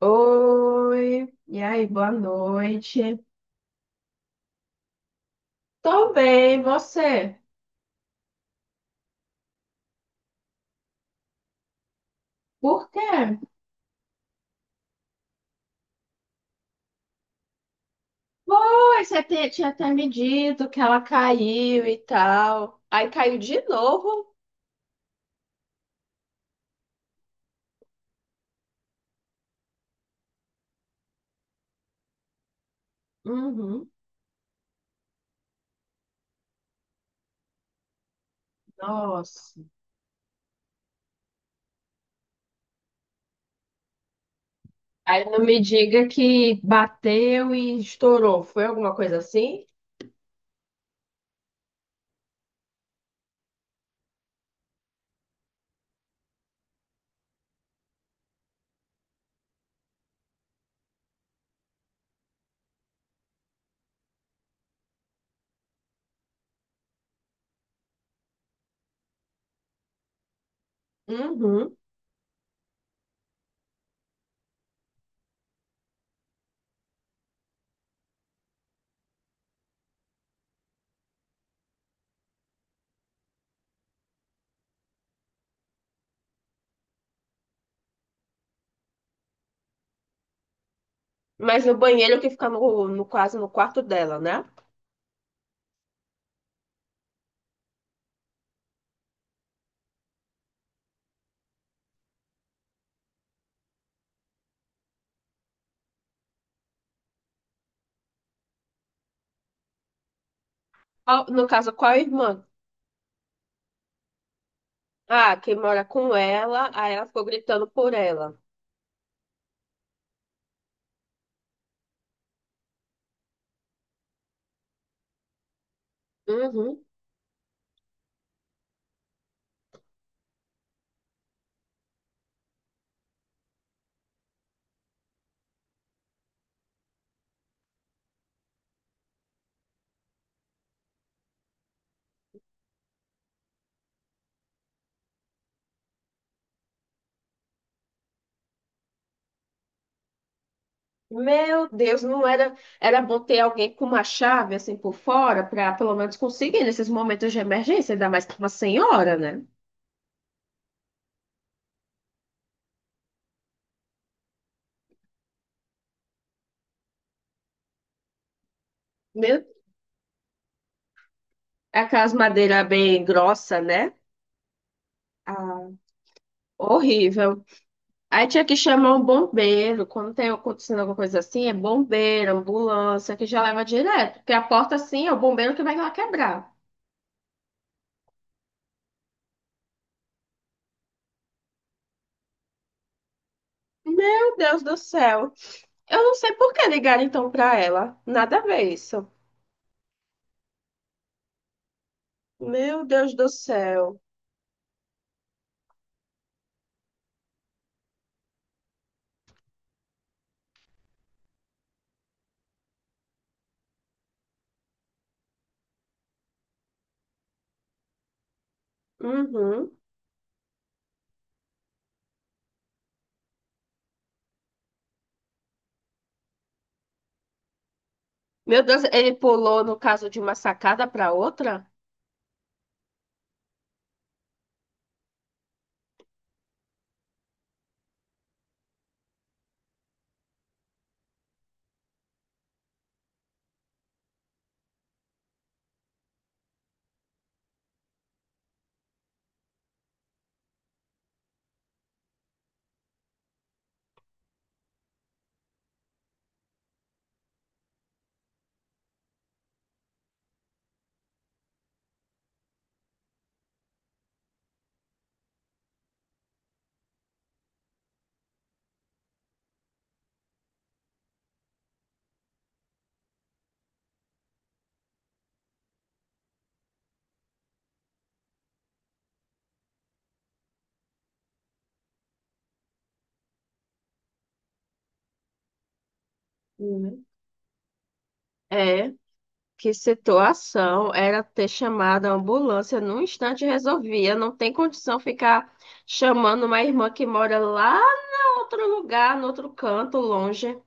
Oi, e aí, boa noite. Tô bem, e você? Por quê? Pois, tinha até me dito que ela caiu e tal. Aí caiu de novo? Uhum. Nossa. Aí não me diga que bateu e estourou. Foi alguma coisa assim? Uhum. Mas no banheiro que fica quase no quarto dela, né? No caso, qual irmã? Ah, quem mora com ela, aí ela ficou gritando por ela. Uhum. Meu Deus, não era. Era bom ter alguém com uma chave assim por fora, para pelo menos conseguir nesses momentos de emergência, ainda mais que uma senhora, né? Meu, aquelas madeiras bem grossa, né? Ah, horrível. Aí tinha que chamar um bombeiro. Quando tem acontecendo alguma coisa assim, é bombeiro, ambulância, que já leva direto. Porque a porta assim é o bombeiro que vai lá quebrar. Meu Deus do céu. Eu não sei por que ligaram então pra ela. Nada a ver isso. Meu Deus do céu. Uhum. Meu Deus, ele pulou no caso de uma sacada pra outra? Uhum. É. Que situação. Era ter chamado a ambulância. Num instante resolvia. Não tem condição ficar chamando uma irmã que mora lá no outro lugar, no outro canto, longe.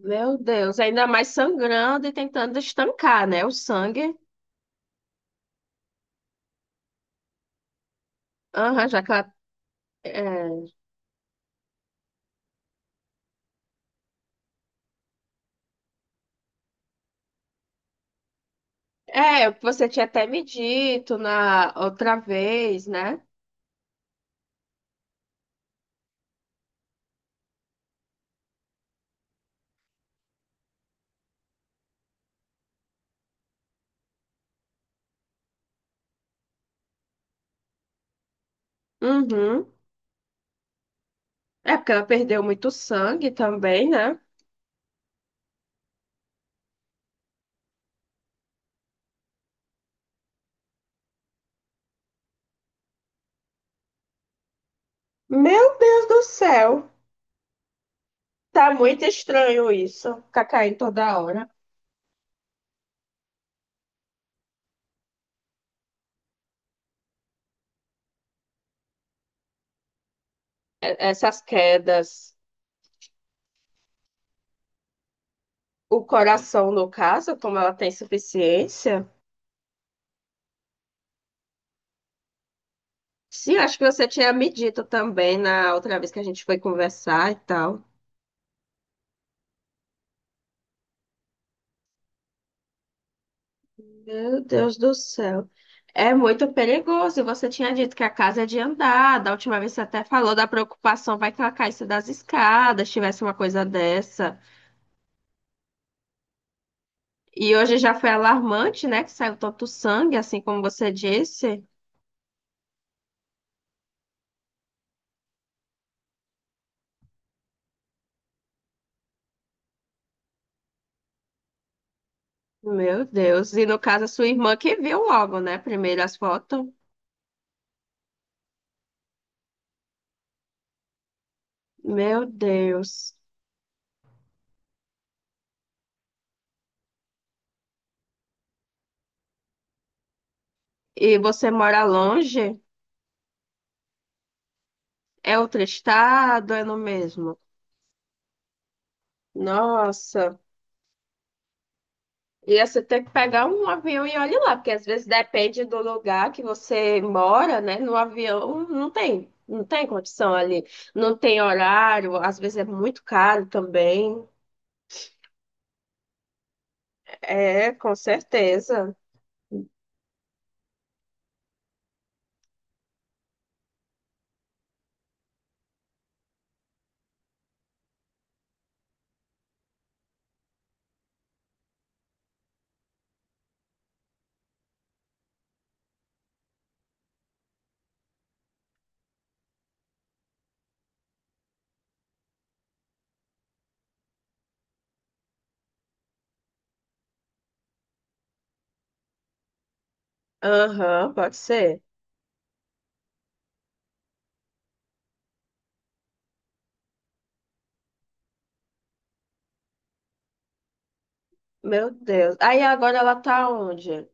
Meu Deus, ainda mais sangrando e tentando estancar, né? O sangue. Aham, já que ela. É. É, você tinha até me dito na outra vez, né? Uhum. É porque ela perdeu muito sangue também, né? Meu Deus do céu. Tá muito estranho isso. Ficar caindo toda hora. Essas quedas. O coração, no caso, como ela tem insuficiência. Sim, acho que você tinha me dito também na outra vez que a gente foi conversar e tal. Meu Deus do céu. É muito perigoso. E você tinha dito que a casa é de andar. Da última vez você até falou da preocupação, vai que ela caísse das escadas, tivesse uma coisa dessa. E hoje já foi alarmante, né? Que saiu tanto sangue, assim como você disse. Meu Deus. E no caso, a sua irmã que viu logo, né? Primeiro as fotos. Meu Deus. E você mora longe? É outro estado? É no mesmo? Nossa. Ia você ter que pegar um avião e olhe lá, porque às vezes depende do lugar que você mora, né? No avião não tem condição ali, não tem horário, às vezes é muito caro também. É, com certeza. Aham, pode ser. Meu Deus. Aí agora ela tá onde?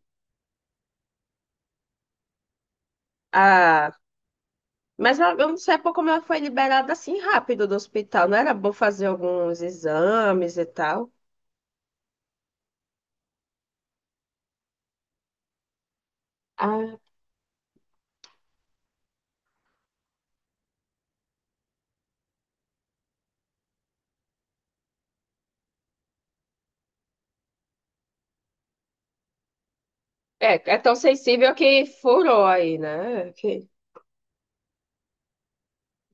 Ah, eu não sei por como ela foi liberada assim rápido do hospital. Não era bom fazer alguns exames e tal? Ah, é, é tão sensível que furou aí, né?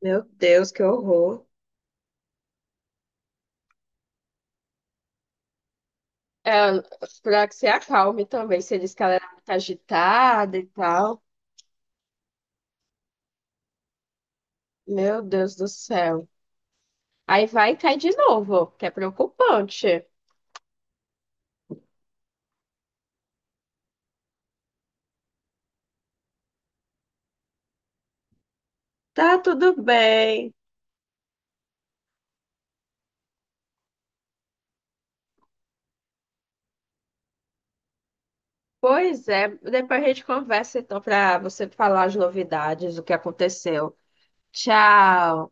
Meu Deus, que horror. É, pra que se acalme também. Você disse que ela era muito agitada e tal. Meu Deus do céu. Aí vai e cai de novo, que é preocupante. Tá tudo bem. Pois é, depois a gente conversa então para você falar as novidades, o que aconteceu. Tchau.